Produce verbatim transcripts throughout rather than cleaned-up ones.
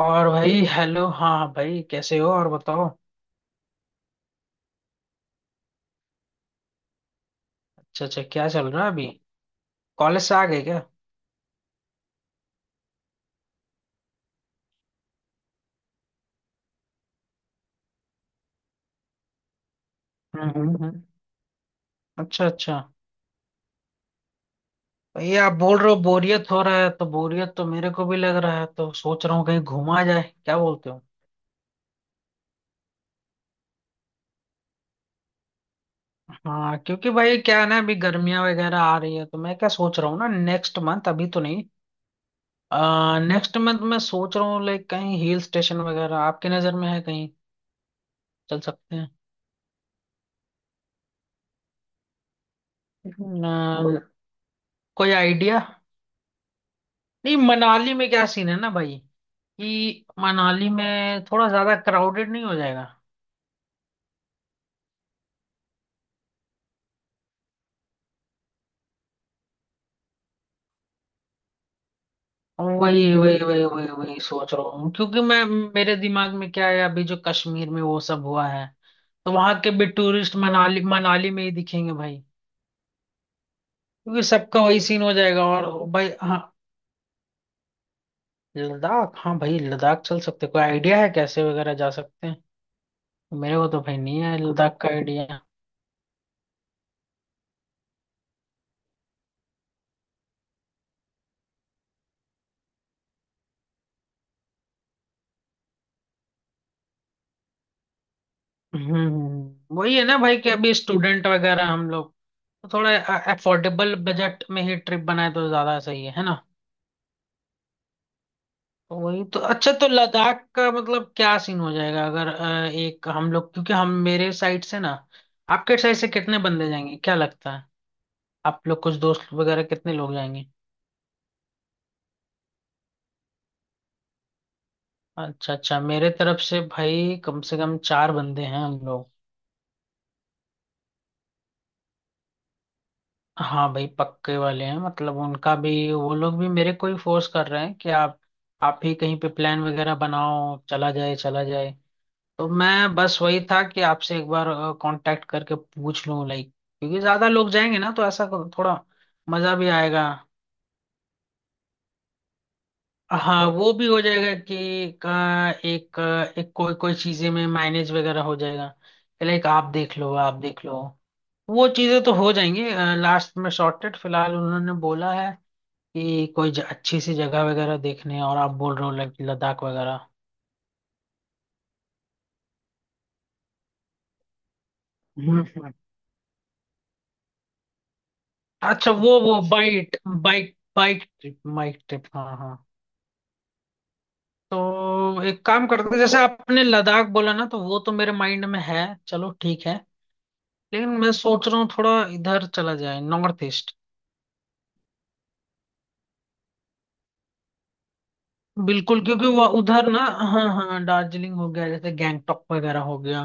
और भाई हेलो। हाँ भाई, कैसे हो? और बताओ। अच्छा अच्छा, क्या चल रहा है अभी? कॉलेज से आ गए क्या? हम्म हम्म हम्म। अच्छा अच्छा। भाई, आप बोल रहे हो बोरियत हो रहा है, तो बोरियत तो मेरे को भी लग रहा है, तो सोच रहा हूँ कहीं घुमा जाए, क्या बोलते हो? हाँ, क्योंकि भाई क्या है ना, अभी गर्मियाँ वगैरह आ रही है, तो मैं क्या सोच रहा हूँ ना नेक्स्ट मंथ, अभी तो नहीं। आ, नेक्स्ट मंथ मैं सोच रहा हूँ लाइक कहीं हिल स्टेशन वगैरह आपकी नज़र में है, कहीं चल सकते हैं? न, कोई आइडिया? नहीं, मनाली में क्या सीन है ना भाई, कि मनाली में थोड़ा ज्यादा क्राउडेड नहीं हो जाएगा? वही वही वही वही वही सोच रहा हूँ, क्योंकि मैं मेरे दिमाग में क्या है, अभी जो कश्मीर में वो सब हुआ है, तो वहां के भी टूरिस्ट मनाली मनाली में ही दिखेंगे भाई, क्योंकि सबका वही सीन हो जाएगा। और भाई, हाँ, लद्दाख, हाँ भाई, लद्दाख चल सकते, कोई आइडिया है कैसे वगैरह जा सकते हैं? मेरे को तो भाई नहीं है लद्दाख का आइडिया। हम्म हम्म, हम्म। वही है ना भाई, कि अभी स्टूडेंट वगैरह हम लोग तो थोड़ा अफोर्डेबल बजट में ही ट्रिप बनाए तो ज्यादा सही है है ना? वही तो। अच्छा, तो लद्दाख का मतलब क्या सीन हो जाएगा? अगर अ, एक हम लोग, क्योंकि हम मेरे साइड से ना, आपके साइड से कितने बंदे जाएंगे, क्या लगता है? आप लोग कुछ दोस्त वगैरह कितने लोग जाएंगे? अच्छा अच्छा, मेरे तरफ से भाई कम से कम चार बंदे हैं हम लोग। हाँ भाई, पक्के वाले हैं, मतलब उनका भी, वो लोग भी मेरे को ही फोर्स कर रहे हैं कि आप आप ही कहीं पे प्लान वगैरह बनाओ, चला जाए चला जाए। तो मैं बस वही था कि आपसे एक बार कांटेक्ट करके पूछ लूं, लाइक, क्योंकि ज्यादा लोग जाएंगे ना तो ऐसा को- थोड़ा मजा भी आएगा। हाँ, वो भी हो जाएगा कि का एक एक कोई कोई चीजें में माइनेज वगैरह हो जाएगा, लाइक आप देख लो आप देख लो, वो चीजें तो हो जाएंगी। लास्ट में सॉर्टेड। फिलहाल उन्होंने बोला है कि कोई ज- अच्छी सी जगह वगैरह देखने, और आप बोल रहे हो लाइक लद्दाख वगैरह। हम्म हम्म। अच्छा, वो वो bike bike bike trip bike trip, हाँ हाँ। तो एक काम करते हैं, जैसे आपने लद्दाख बोला ना, तो वो तो मेरे माइंड में है, चलो ठीक है, लेकिन मैं सोच रहा हूँ थोड़ा इधर चला जाए नॉर्थ ईस्ट। बिल्कुल, क्योंकि वो उधर ना, हाँ हाँ, दार्जिलिंग हो गया, जैसे गैंगटॉक वगैरह हो गया,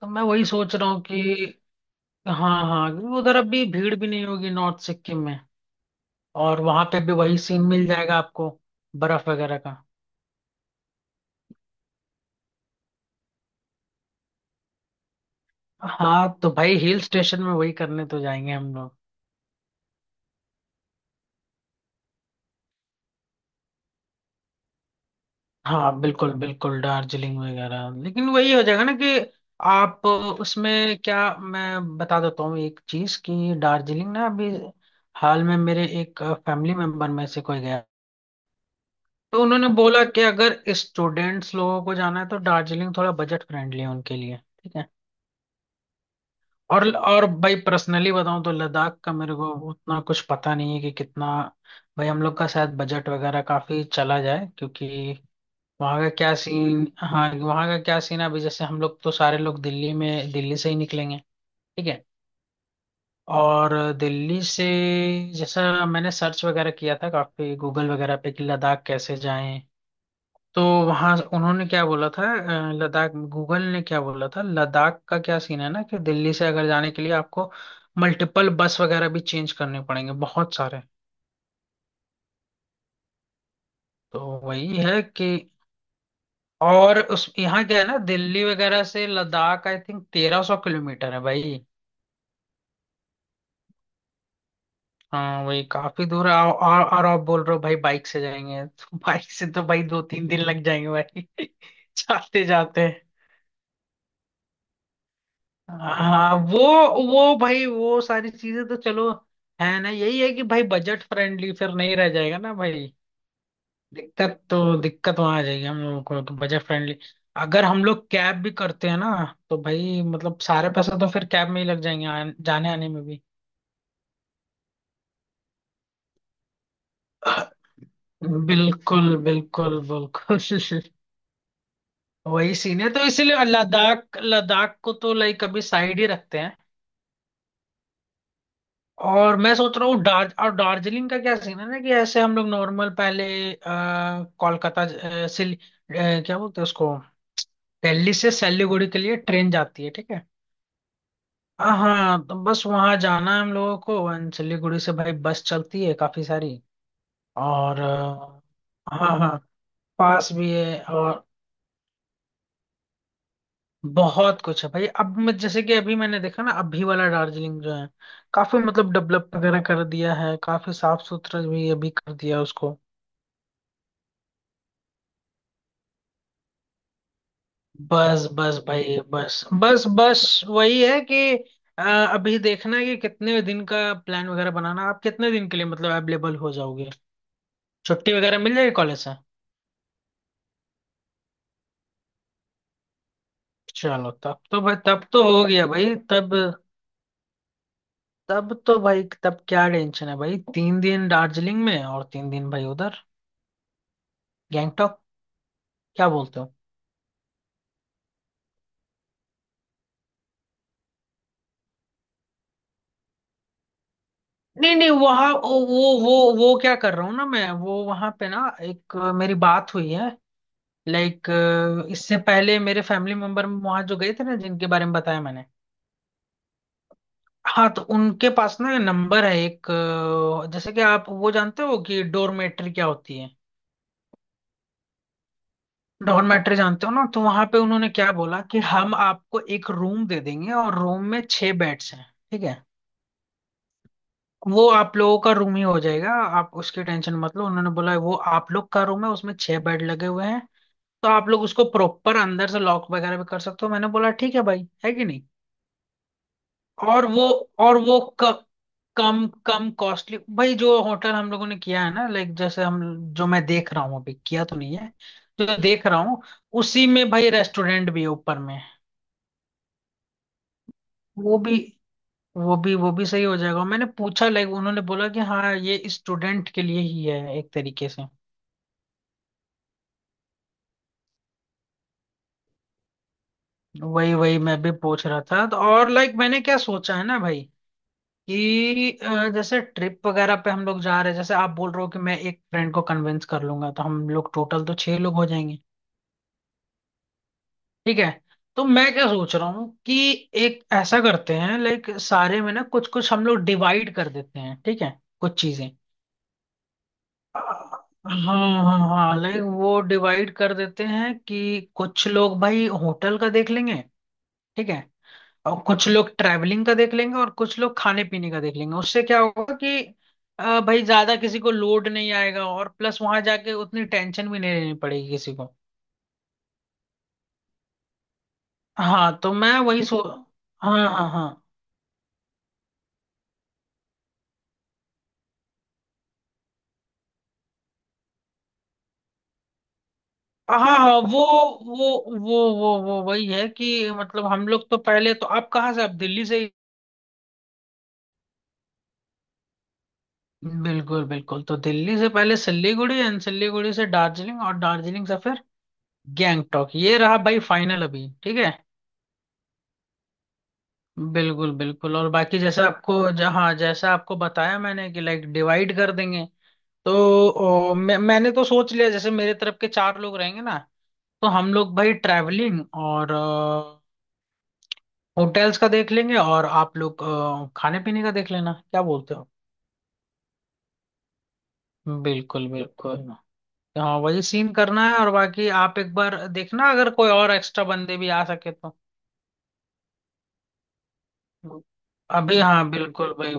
तो मैं वही सोच रहा हूँ कि, हाँ हाँ, क्योंकि उधर अभी भीड़ भी नहीं होगी नॉर्थ सिक्किम में, और वहां पे भी वही सीन मिल जाएगा आपको, बर्फ वगैरह का। हाँ, तो भाई हिल स्टेशन में वही करने तो जाएंगे हम। हाँ बिल्कुल बिल्कुल, दार्जिलिंग वगैरह, लेकिन वही हो जाएगा ना कि आप उसमें, क्या मैं बता देता हूँ एक चीज, कि दार्जिलिंग ना अभी हाल में मेरे एक फैमिली मेंबर में से कोई गया, तो उन्होंने बोला कि अगर स्टूडेंट्स लोगों को जाना है तो दार्जिलिंग थोड़ा बजट फ्रेंडली है उनके लिए, ठीक है। और और भाई, पर्सनली बताऊं तो लद्दाख का मेरे को उतना कुछ पता नहीं है कि कितना, भाई हम लोग का शायद बजट वगैरह काफी चला जाए, क्योंकि वहाँ का क्या सीन, हाँ, वहाँ का क्या सीन है अभी, जैसे हम लोग तो सारे लोग दिल्ली में, दिल्ली से ही निकलेंगे, ठीक है, और दिल्ली से, जैसा मैंने सर्च वगैरह किया था काफी गूगल वगैरह पे कि लद्दाख कैसे जाएं, तो वहाँ उन्होंने क्या बोला था, अ, लद्दाख, गूगल ने क्या बोला था, लद्दाख का क्या सीन है ना कि दिल्ली से अगर जाने के लिए आपको मल्टीपल बस वगैरह भी चेंज करने पड़ेंगे बहुत सारे। तो वही है कि, और उस यहाँ क्या है ना, दिल्ली वगैरह से लद्दाख आई थिंक तेरह सौ किलोमीटर है भाई। हाँ वही, काफी दूर है, और और और आप बोल रहे हो भाई बाइक से जाएंगे तो बाइक से तो भाई दो तीन दिन लग जाएंगे भाई जाते जाते। हाँ वो वो भाई वो सारी चीजें तो चलो, है ना, यही है कि भाई बजट फ्रेंडली फिर नहीं रह जाएगा ना भाई, दिक्कत तो दिक्कत वहां आ जाएगी हम लोगों को, तो बजट फ्रेंडली। अगर हम लोग कैब भी करते हैं ना, तो भाई मतलब सारे पैसे तो फिर कैब में ही लग जाएंगे आन- जाने आने में भी। बिल्कुल बिल्कुल बिल्कुल। वही सीन है, तो इसीलिए लद्दाख, लद्दाख को तो लाइक अभी साइड ही रखते हैं, और मैं सोच रहा हूँ दार्ज और दार्जिलिंग का क्या सीन है ना, कि ऐसे हम लोग नॉर्मल पहले अ, कोलकाता ज- अ, सिल अ, क्या बोलते हैं उसको, दिल्ली से सिलीगुड़ी के लिए ट्रेन जाती है, ठीक है, हाँ हाँ, तो बस वहाँ जाना है हम लोगों को, अंचली गुड़ी से भाई बस चलती है काफी सारी, और अ, हाँ हाँ, पास भी है, और बहुत कुछ है भाई। अब मैं जैसे कि अभी मैंने देखा ना, अभी वाला दार्जिलिंग जो है, काफी मतलब डेवलप वगैरह कर दिया है, काफी साफ सुथरा भी अभी कर दिया उसको, बस बस भाई बस बस बस। वही है कि अ, अभी देखना है कि कितने दिन का प्लान वगैरह बनाना, आप कितने दिन के लिए मतलब अवेलेबल हो जाओगे, छुट्टी वगैरह मिल जाएगी कॉलेज से? चलो, तब तो भाई तब तो हो गया भाई, तब, तब तो भाई, तब क्या टेंशन है भाई? तीन दिन दार्जिलिंग में और तीन दिन भाई उधर गैंगटॉक, क्या बोलते हो? नहीं नहीं, वहाँ वो वो वो वो क्या कर रहा हूँ ना मैं, वो वहाँ पे ना एक अ, मेरी बात हुई है, लाइक इससे पहले मेरे फैमिली मेंबर वहाँ जो गए थे ना, जिनके बारे में बताया मैंने, हाँ, तो उनके पास ना नंबर है एक, अ, जैसे कि आप वो जानते हो कि डोरमेट्री क्या होती है, डॉर्मेट्री जानते हो ना? तो वहां पे उन्होंने क्या बोला कि हम आपको एक रूम दे देंगे, और रूम में छह बेड्स हैं, ठीक है। वो आप लोगों का रूम ही हो जाएगा, आप उसकी टेंशन मत लो, उन्होंने बोला वो आप लोग का रूम है, उसमें छह बेड लगे हुए हैं, तो आप लोग उसको प्रॉपर अंदर से लॉक वगैरह भी कर सकते हो, मैंने बोला ठीक है भाई, है कि नहीं। और वो और वो क, कम कम कॉस्टली भाई, जो होटल हम लोगों ने किया है ना, लाइक जैसे हम, जो मैं देख रहा हूँ, अभी किया तो नहीं है, जो देख रहा हूँ, उसी में भाई रेस्टोरेंट भी है ऊपर में, वो भी वो भी वो भी सही हो जाएगा। मैंने पूछा, लाइक उन्होंने बोला कि हाँ, ये स्टूडेंट के लिए ही है एक तरीके से। वही वही मैं भी पूछ रहा था तो, और लाइक मैंने क्या सोचा है ना भाई, कि अ, जैसे ट्रिप वगैरह पे हम लोग जा रहे हैं, जैसे आप बोल रहे हो कि मैं एक फ्रेंड को कन्विंस कर लूंगा, तो हम लोग टोटल तो छह लोग हो जाएंगे, ठीक है। तो मैं क्या सोच रहा हूँ कि एक ऐसा करते हैं, लाइक सारे में ना कुछ कुछ हम लोग डिवाइड कर देते हैं, ठीक है, कुछ चीजें। हाँ हाँ हाँ, लेकिन वो डिवाइड कर देते हैं कि कुछ लोग भाई होटल का देख लेंगे, ठीक है, और कुछ लोग ट्रैवलिंग का देख लेंगे, और कुछ लोग खाने पीने का देख लेंगे, उससे क्या होगा कि अ, भाई ज्यादा किसी को लोड नहीं आएगा, और प्लस वहां जाके उतनी टेंशन भी नहीं लेनी पड़ेगी किसी को। हाँ, तो मैं वही सो, हाँ हाँ हाँ हाँ हाँ, वो वो वो वो वो वही है कि, मतलब हम लोग तो पहले तो, आप कहाँ से, आप दिल्ली से, बिल्कुल बिल्कुल, तो दिल्ली से पहले सिल्लीगुड़ी एंड सिल्लीगुड़ी से दार्जिलिंग और दार्जिलिंग से फिर गैंगटॉक। ये रहा भाई फाइनल अभी, ठीक है? बिल्कुल बिल्कुल, और बाकी जैसे आपको जहाँ, जैसा आपको बताया मैंने कि लाइक डिवाइड कर देंगे, तो ओ, मैं, मैंने तो सोच लिया जैसे मेरे तरफ के चार लोग रहेंगे ना, तो हम लोग भाई ट्रैवलिंग और होटल्स का देख लेंगे, और आप लोग अ, खाने पीने का देख लेना, क्या बोलते हो? बिल्कुल बिल्कुल। हाँ वही सीन करना है, और बाकी आप एक बार देखना अगर कोई और एक्स्ट्रा बंदे भी आ सके तो, अभी, हाँ बिल्कुल भाई,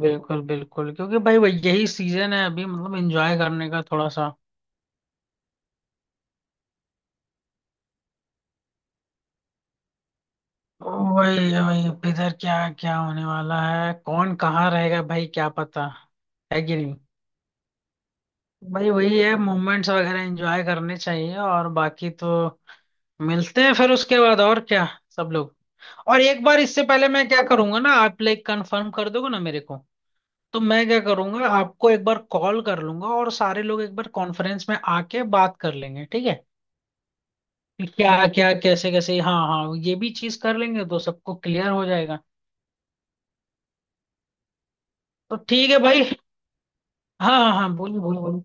बिल्कुल बिल्कुल। क्योंकि भाई वही, यही सीजन है अभी मतलब एंजॉय करने का थोड़ा सा। वही वही, अब इधर क्या क्या होने वाला है, कौन कहाँ रहेगा भाई, क्या पता, है कि नहीं? भाई वही है, मोमेंट्स वगैरह एंजॉय करने चाहिए, और बाकी तो मिलते हैं फिर उसके बाद, और क्या सब लोग। और एक बार इससे पहले मैं क्या करूंगा ना, आप लाइक कंफर्म कर दोगे ना मेरे को, तो मैं क्या करूंगा आपको एक बार कॉल कर लूंगा, और सारे लोग एक बार कॉन्फ्रेंस में आके बात कर लेंगे, ठीक है, कि क्या क्या कैसे कैसे। हाँ हाँ, ये भी चीज कर लेंगे तो सबको क्लियर हो जाएगा। तो ठीक है भाई। हाँ हाँ हाँ, बोलिए बोलिए बोलिए,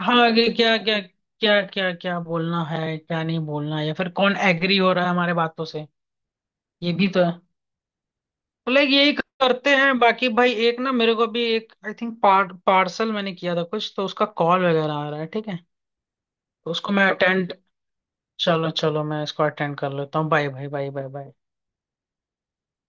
हाँ, आगे क्या क्या क्या क्या क्या बोलना है, क्या नहीं बोलना है, या फिर कौन एग्री हो रहा है हमारे बातों से, ये भी तो है। तो लाइक यही करते हैं, बाकी भाई एक ना, मेरे को भी एक आई थिंक पार्सल मैंने किया था कुछ, तो उसका कॉल वगैरह आ रहा है, ठीक है, तो उसको मैं अटेंड, चलो चलो, मैं इसको अटेंड कर लेता हूँ। Bye bye bye bye bye.